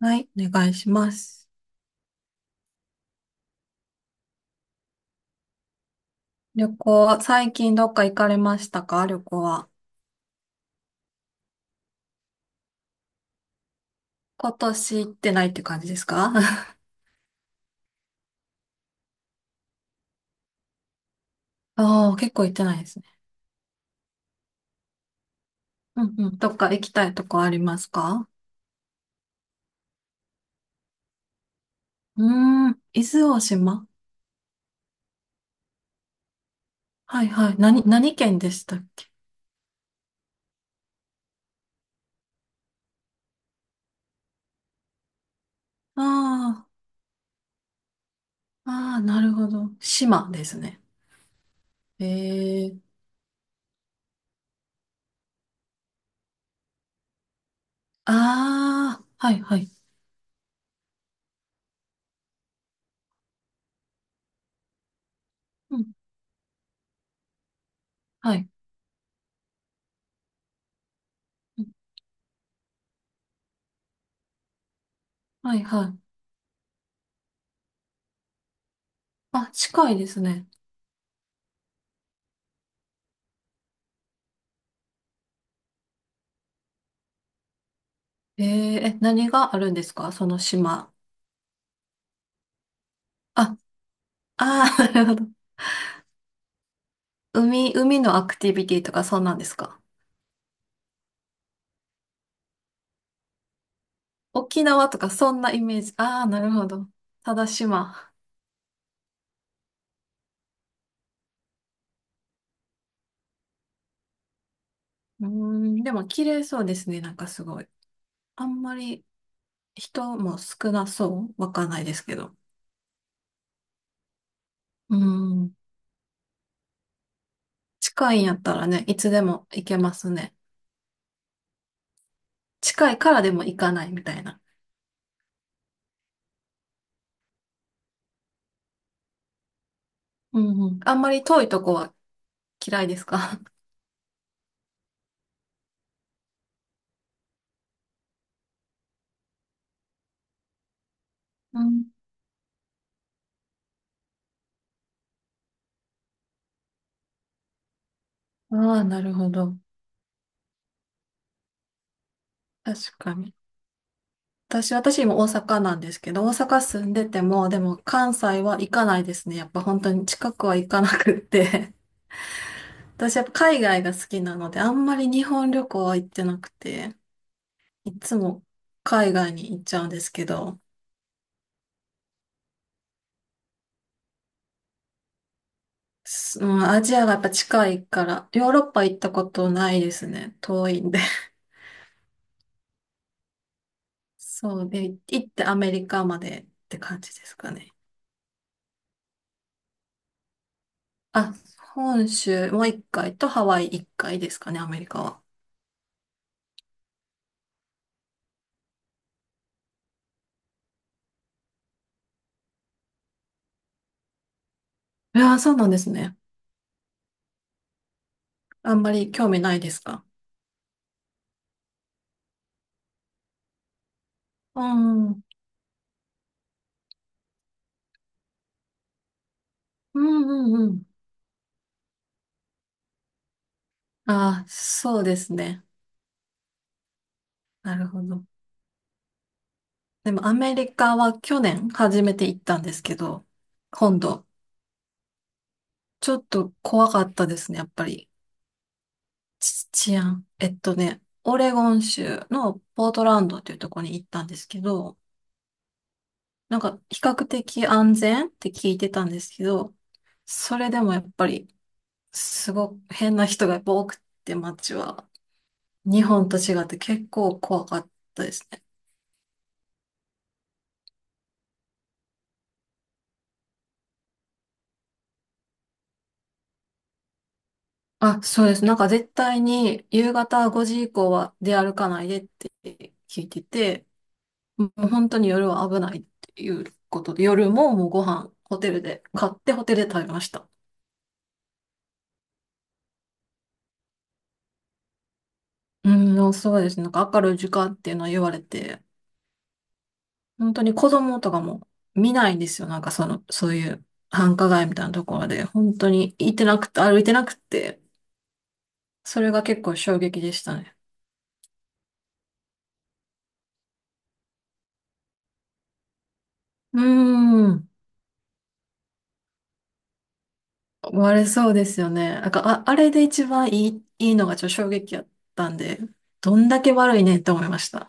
はい、お願いします。旅行、最近どっか行かれましたか、旅行は？今年行ってないって感じですか？ ああー、結構行ってないですね。うんうん。どっか行きたいとこありますか？うーん、伊豆大島。はいはい。何県でしたっけ？ああ、ああ、なるほど。島ですね。ええ。ああ、はいはい。うん、はい。うん。はいはい。あ、近いですね。えー、え、何があるんですかその島？あ、ああ、なるほど。海のアクティビティとかそんなんですか？沖縄とかそんなイメージ。ああ、なるほど。ただ島。うーん、でも綺麗そうですね。なんかすごい。あんまり人も少なそう。わかんないですけど。うーん、近いんやったらね、いつでも行けますね。近いからでも行かないみたいな。うんうん。あんまり遠いとこは嫌いですか？ うん。ああ、なるほど。確かに。私今大阪なんですけど、大阪住んでても、でも関西は行かないですね。やっぱ本当に近くは行かなくって。私やっぱ海外が好きなので、あんまり日本旅行は行ってなくて、いつも海外に行っちゃうんですけど、すうん、アジアがやっぱ近いから、ヨーロッパ行ったことないですね。遠いんで。そうで、行ってアメリカまでって感じですかね。あ、本州もう一回とハワイ一回ですかね、アメリカは。いやー、そうなんですね。あんまり興味ないですか？うん。うんうんうん。ああ、そうですね。なるほど。でもアメリカは去年初めて行ったんですけど、今度、ちょっと怖かったですね、やっぱり。治安。オレゴン州のポートランドというところに行ったんですけど、なんか比較的安全って聞いてたんですけど、それでもやっぱり、すごく変な人がやっぱ多くて街は。日本と違って結構怖かったですね。あ、そうです。なんか絶対に夕方5時以降は出歩かないでって聞いてて、もう本当に夜は危ないっていうことで、夜ももうご飯ホテルで買ってホテルで食べました。うん、でもそうですね。なんか明るい時間っていうのは言われて、本当に子供とかも見ないんですよ。なんかその、そういう繁華街みたいなところで、本当に行ってなくて、歩いてなくて、それが結構衝撃でしたね。うーん。割れそうですよね。なんか、あ、あれで一番いいのがちょっと衝撃やったんで、どんだけ悪いねって思いました。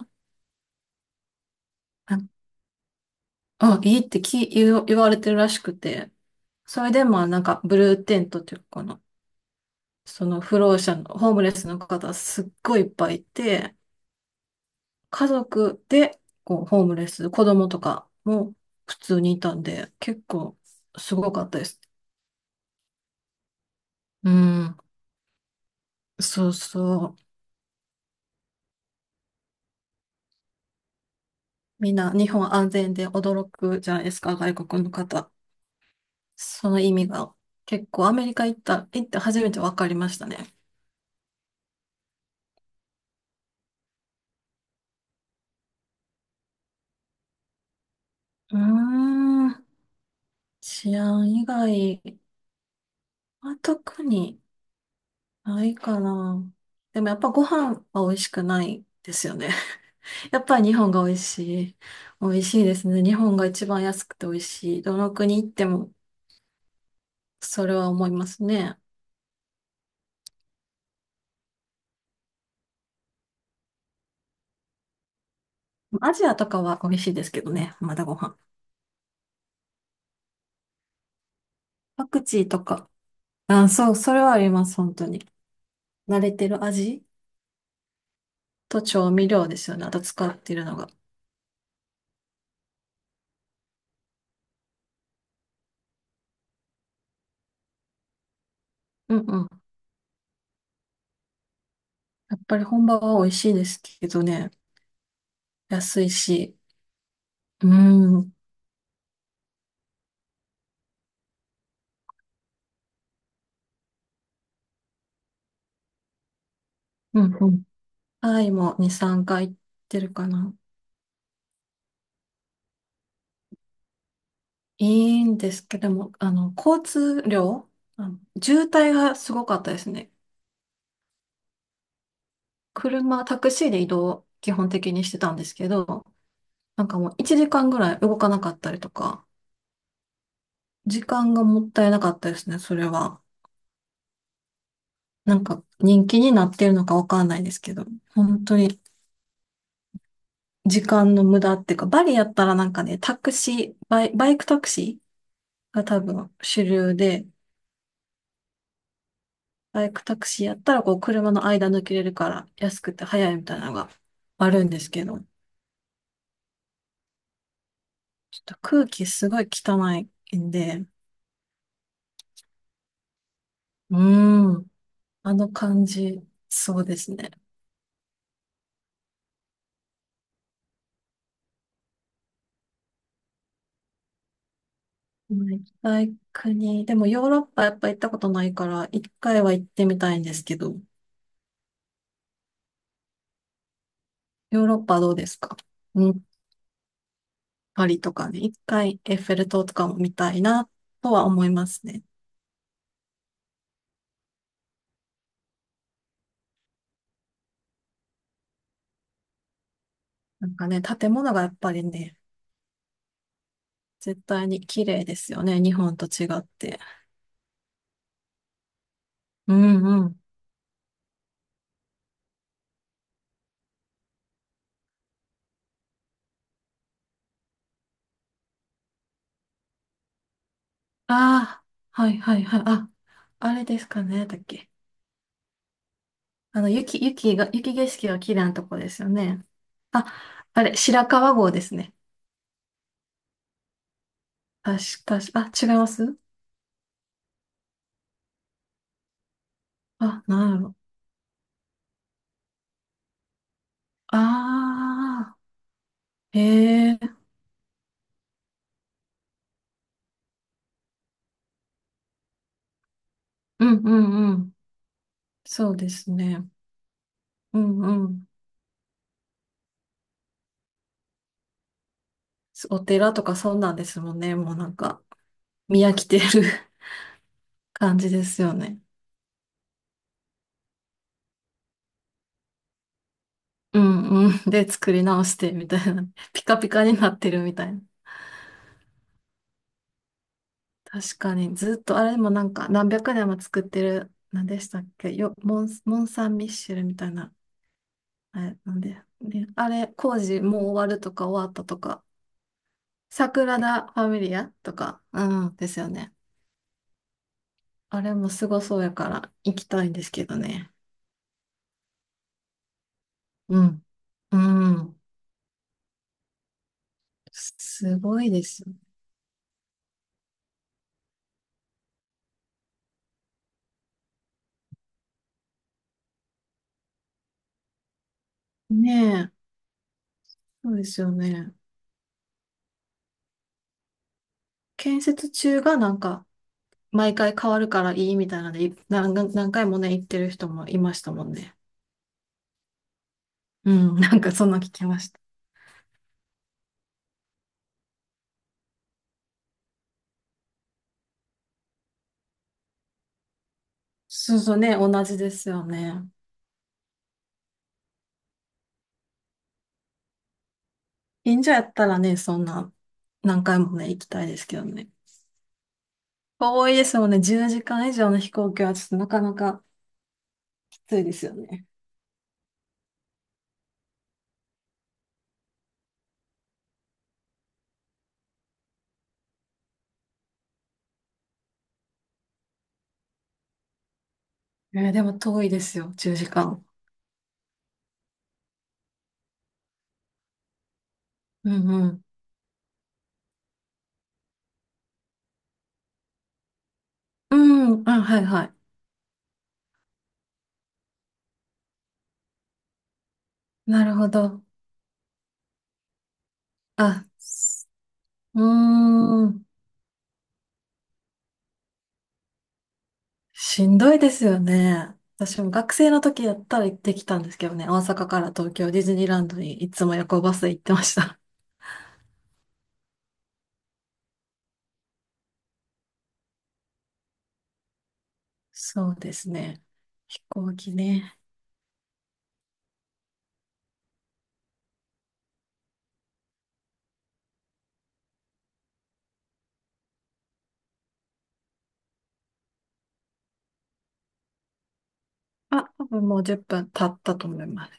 なんあ、いいってき言う、言われてるらしくて、それでまあなんかブルーテントっていうかな、その不老者の、ホームレスの方すっごいいっぱいいて、家族でこうホームレス、子供とかも普通にいたんで、結構すごかったです。うん、そうそう。みんな日本安全で驚くじゃないですか、外国の方。その意味が結構アメリカ行って初めて分かりましたね。うーん、治安以外は特にないかな。でもやっぱご飯は美味しくないですよね。やっぱり日本が美味しい。美味しいですね。日本が一番安くて美味しい。どの国行ってもそれは思いますね。アジアとかは美味しいですけどね。まだご飯。パクチーとか。あ、そう、それはあります、本当に。慣れてる味と調味料ですよね。あと使ってるのが。うんうん。やっぱり本場は美味しいですけどね。安いし。うん。うんうん。タイも2、3回行ってるかな。いいんですけども、交通量、渋滞がすごかったですね。車、タクシーで移動を基本的にしてたんですけど、なんかもう1時間ぐらい動かなかったりとか、時間がもったいなかったですね、それは。なんか人気になってるのかわかんないですけど、本当に時間の無駄っていうか、バリやったらなんかね、タクシー、バイクタクシーが多分主流で、バイクタクシーやったらこう車の間抜けれるから安くて早いみたいなのがあるんですけど、ちょっと空気すごい汚いんで、うーん、あの感じ、そうですね。まあ行きたい国、でもヨーロッパやっぱ行ったことないから、一回は行ってみたいんですけど、ヨーロッパどうですか？パリとかね、一回エッフェル塔とかも見たいなとは思いますね。なんかね、建物がやっぱりね、絶対に綺麗ですよね、日本と違って。うんうん。ああ、はいはいはい。あ、あれですかね、だっけ。雪景色が綺麗なとこですよね。あ、あれ、白川郷ですね。確か、あ、違います。あ、なんやろ。ああ、へえ、うんうんうん。そうですね。うんうん。お寺とかそうなんですもんね。もうなんか、見飽きてる 感じですよね。うんうん。で、作り直してみたいな。ピカピカになってるみたいな。確かに、ずっと、あれでもなんか、何百年も作ってる、何でしたっけよ、モン・サン・ミッシェルみたいな。あれ、なんで、ね、あれ、工事もう終わるとか終わったとか、サグラダ・ファミリアとか、うん、ですよね。あれもすごそうやから、行きたいんですけどね。うん。うん。すごいですねえ、そうですよね。建設中がなんか、毎回変わるからいいみたいなので、何回もね、行ってる人もいましたもんね。うん、なんかそんな聞きました。そうそうね、同じですよね。近所やったらね、そんな、何回もね、行きたいですけどね。遠いですもんね、10時間以上の飛行機はちょっとなかなかきついですよね。でも遠いですよ、10時間。うんうん。うん、あ、はいはい。なるほど。あ、うーん。しんどいですよね。私も学生の時やったら行ってきたんですけどね、大阪から東京ディズニーランドにいつも夜行バスで行ってました。そうですね。飛行機ね。あ、多分もう10分経ったと思います。